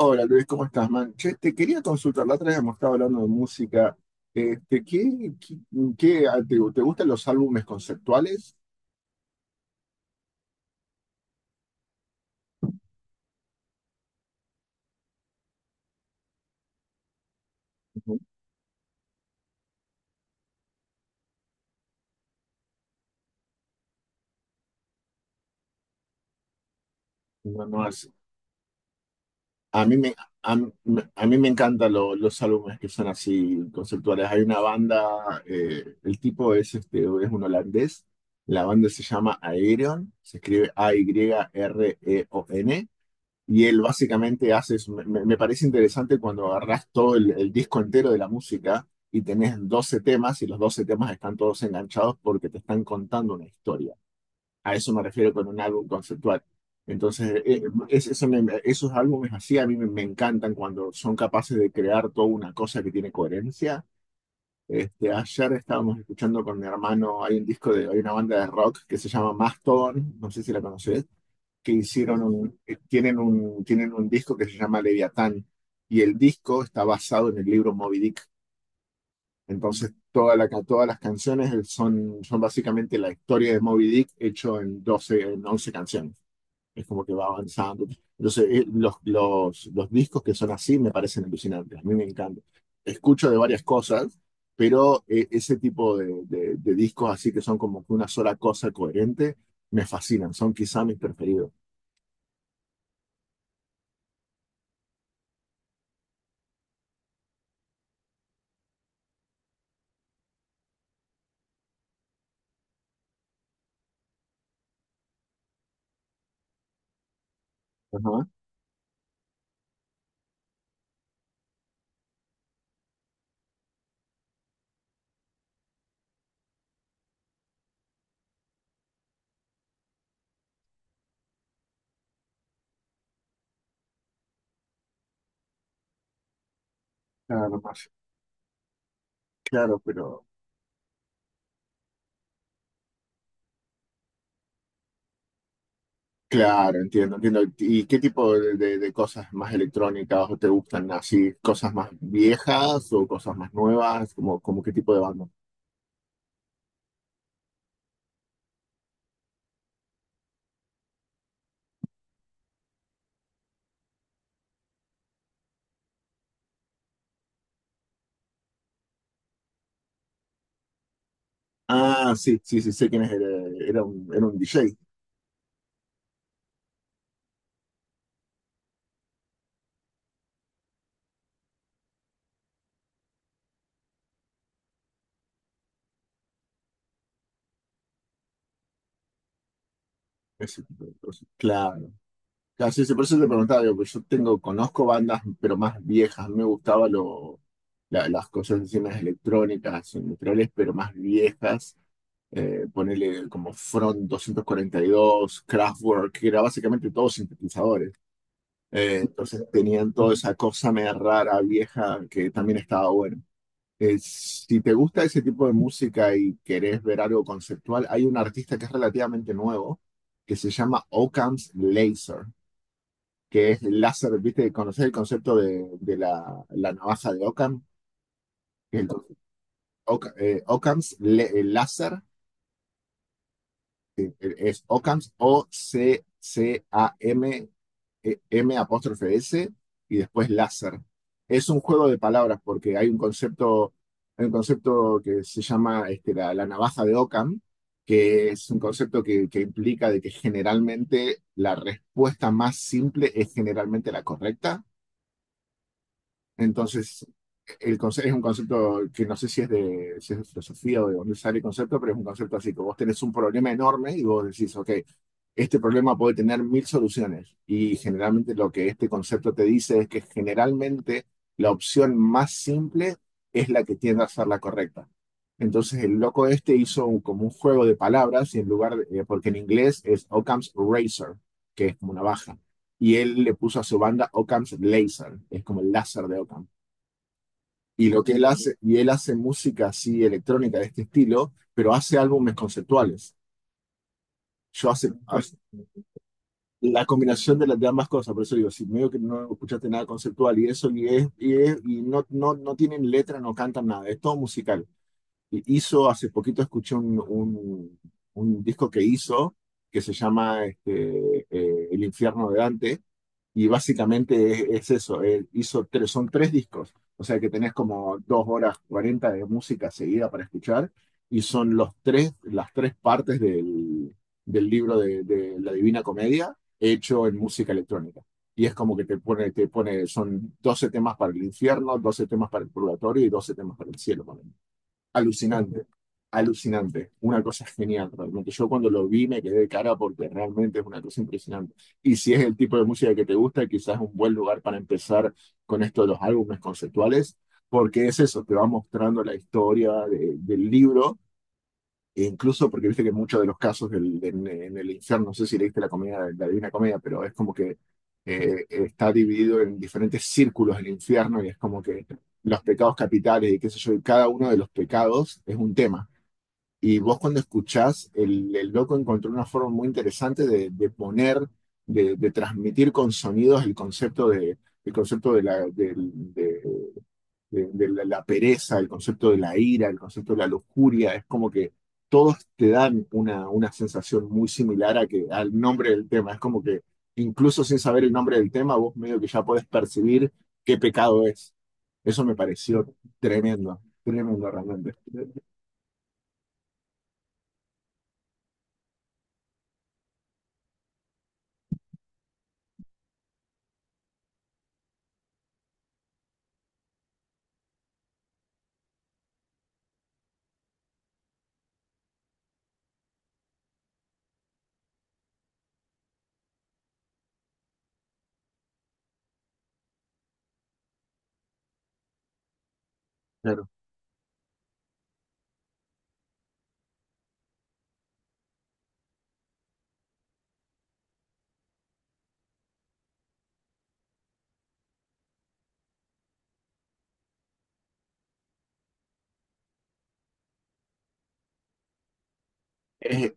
Hola Luis, ¿cómo estás, man? Che, te quería consultar, la otra vez hemos estado hablando de música. Este, ¿qué, qué, te gustan los álbumes conceptuales? Ujú. No, a mí me, a, mí me a mí me encantan los álbumes que son así conceptuales. Hay una banda, el tipo es, es un holandés. La banda se llama Aerion, se escribe Ayreon. Y él básicamente hace eso. Parece interesante cuando agarrás todo el disco entero de la música y tenés 12 temas y los 12 temas están todos enganchados porque te están contando una historia. A eso me refiero con un álbum conceptual. Entonces, esos álbumes así a mí me encantan cuando son capaces de crear toda una cosa que tiene coherencia. Ayer estábamos escuchando con mi hermano. Hay una banda de rock que se llama Mastodon, no sé si la conoces, que hicieron un, tienen un disco que se llama Leviatán, y el disco está basado en el libro Moby Dick. Entonces, todas las canciones son básicamente la historia de Moby Dick hecho en 12 en 11 canciones. Es como que va avanzando. Entonces, los discos que son así me parecen alucinantes. A mí me encanta. Escucho de varias cosas, pero ese tipo de discos así que son como que una sola cosa coherente, me fascinan. Son quizá mis preferidos. Ajá. Claro, claro, pero claro, entiendo, entiendo. ¿Y qué tipo de cosas más electrónicas te gustan? ¿Así cosas más viejas o cosas más nuevas? ¿Como, como qué tipo de banda? Ah, sí, sí, sí, sé quién es. Era un DJ. Ese tipo de cosas. Claro. Claro, sí, sí, por eso te preguntaba, digo, pues yo tengo, conozco bandas, pero más viejas. Me gustaban las cosas así más electrónicas, industriales, pero más viejas. Ponele como Front 242, Kraftwerk, que era básicamente todos sintetizadores. Entonces tenían toda esa cosa media rara, vieja, que también estaba bueno. Si te gusta ese tipo de música y querés ver algo conceptual, hay un artista que es relativamente nuevo, que se llama Occam's Laser, que es el láser, ¿viste? ¿Conocés el concepto de la, la navaja de Occam? El, Occam- Occam's le- El láser es OCAMS, Occam, M M apóstrofe S, y después láser. Es un juego de palabras porque hay un concepto que se llama la, la navaja de Ockham, que es un concepto que implica de que generalmente la respuesta más simple es generalmente la correcta. Entonces, el concepto es un concepto que no sé si es de filosofía o de dónde sale el concepto, pero es un concepto así, que vos tenés un problema enorme y vos decís, ok, este problema puede tener mil soluciones. Y generalmente lo que este concepto te dice es que generalmente la opción más simple es la que tiende a ser la correcta. Entonces, el loco este hizo como un juego de palabras y en lugar porque en inglés es Occam's Razor, que es como una baja, y él le puso a su banda Occam's Laser, es como el láser de Occam. Y lo que él hace, y él hace música así electrónica de este estilo, pero hace álbumes conceptuales. Yo hace, hace- la combinación de las de ambas cosas, por eso digo, si medio que no escuchaste nada conceptual y eso, y no tienen letra, no cantan nada, es todo musical. Hace poquito escuché un disco que hizo, que se llama El infierno de Dante. Y básicamente es eso, él hizo tres, son tres discos, o sea que tenés como 2 horas 40 de música seguida para escuchar y son los tres, las tres partes del, del libro de la Divina Comedia hecho en música electrónica. Y es como que te pone, son 12 temas para el infierno, 12 temas para el purgatorio y 12 temas para el cielo. Alucinante, alucinante, una cosa genial, realmente. Yo cuando lo vi me quedé de cara porque realmente es una cosa impresionante. Y si es el tipo de música que te gusta, quizás es un buen lugar para empezar con esto de los álbumes conceptuales, porque es eso, te va mostrando la historia del libro e incluso porque viste que muchos de los casos en el infierno, no sé si leíste la comedia, la Divina Comedia, pero es como que está dividido en diferentes círculos el infierno, y es como que los pecados capitales y qué sé yo, y cada uno de los pecados es un tema. Y vos cuando escuchás, el loco encontró una forma muy interesante de poner, de transmitir con sonidos el concepto el concepto de la pereza, el concepto de la ira, el concepto de la lujuria, es como que todos te dan una sensación muy similar a que, al nombre del tema. Es como que incluso sin saber el nombre del tema, vos medio que ya podés percibir qué pecado es. Eso me pareció tremendo, tremendo realmente. Claro. Eh,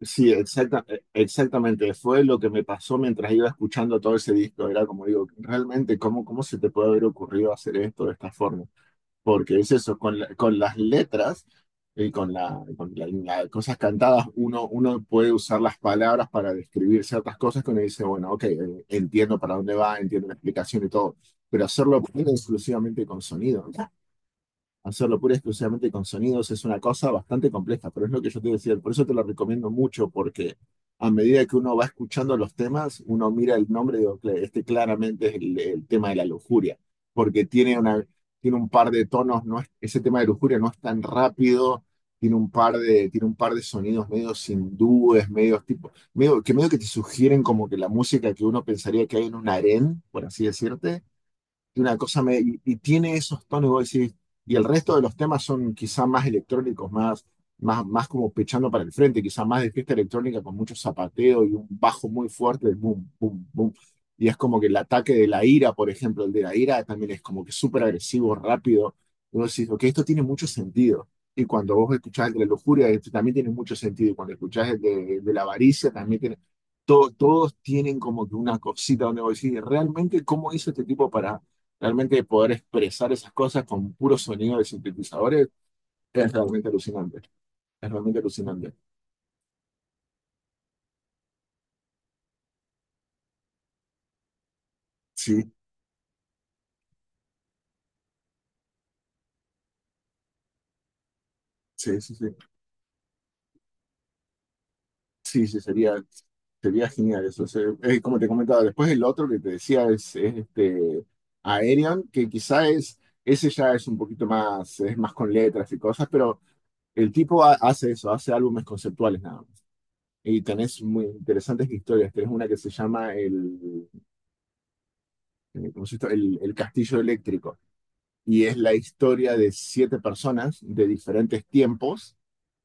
sí, exactamente. Fue lo que me pasó mientras iba escuchando todo ese disco. Era como digo, realmente, ¿cómo, cómo se te puede haber ocurrido hacer esto de esta forma? Porque es eso, con las letras y cosas cantadas, uno puede usar las palabras para describir ciertas cosas que uno dice, bueno, ok, entiendo para dónde va, entiendo la explicación y todo, pero hacerlo pura y exclusivamente con sonido, ¿no? Hacerlo pura y exclusivamente con sonidos es una cosa bastante compleja, pero es lo que yo te decía. Por eso te lo recomiendo mucho, porque a medida que uno va escuchando los temas, uno mira el nombre y digo, Este claramente es el tema de la lujuria, porque tiene una, tiene un par de tonos, no es- ese tema de lujuria no es tan rápido, tiene un par de, sonidos medios hindúes, medios tipo, medio que te sugieren como que la música que uno pensaría que hay en un harén, por así decirte, y una cosa me, y tiene esos tonos, vos decís, y el resto de los temas son quizá más electrónicos, más como pechando para el frente, quizá más de fiesta electrónica con mucho zapateo y un bajo muy fuerte de boom, boom, boom. Y es como que el ataque de la ira, por ejemplo, el de la ira también es como que súper agresivo, rápido. Y vos decís, ok, esto tiene mucho sentido. Y cuando vos escuchás el de la lujuria, este también tiene mucho sentido. Y cuando escuchás el de la avaricia, también tiene… todos tienen como que una cosita donde vos decís, realmente, ¿cómo hizo este tipo para realmente poder expresar esas cosas con puro sonido de sintetizadores? Es realmente alucinante. Es realmente alucinante. Sí, sí, sí, sí, sí. Sí, sería genial eso. Como te comentaba, después el otro que te decía este Aerion, que quizá es, ese ya es un poquito más, es más con letras y cosas, pero el tipo hace eso, hace álbumes conceptuales nada más. Y tenés muy interesantes historias. Tenés una que se llama ¿cómo se llama? El Castillo Eléctrico, y es la historia de siete personas de diferentes tiempos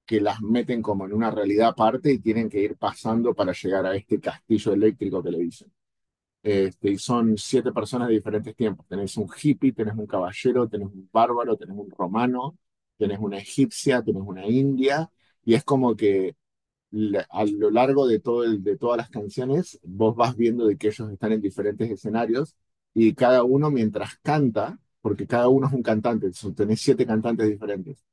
que las meten como en una realidad aparte y tienen que ir pasando para llegar a este castillo eléctrico, que le dicen. Y son siete personas de diferentes tiempos. Tenés un hippie, tenés un caballero, tenés un bárbaro, tenés un romano, tenés una egipcia, tenés una india, y es como que a lo largo de todo el, de todas las canciones, vos vas viendo de que ellos están en diferentes escenarios, y cada uno mientras canta, porque cada uno es un cantante, tenés siete cantantes diferentes,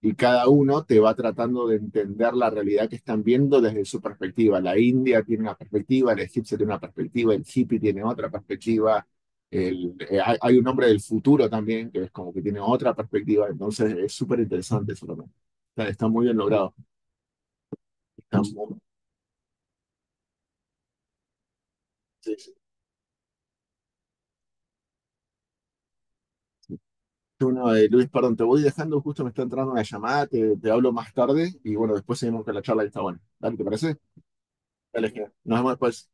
y cada uno te va tratando de entender la realidad que están viendo desde su perspectiva. La india tiene una perspectiva, el egipcio tiene una perspectiva, el hippie tiene otra perspectiva. Hay un hombre del futuro también que es como que tiene otra perspectiva, entonces es súper interesante eso también. Está muy bien logrado. Está muy- sí, sí. Bueno, Luis, perdón, te voy dejando, justo me está entrando una llamada, te hablo más tarde y bueno, después seguimos con la charla que está buena. Dale, ¿te parece? Dale, genial. Nos vemos después.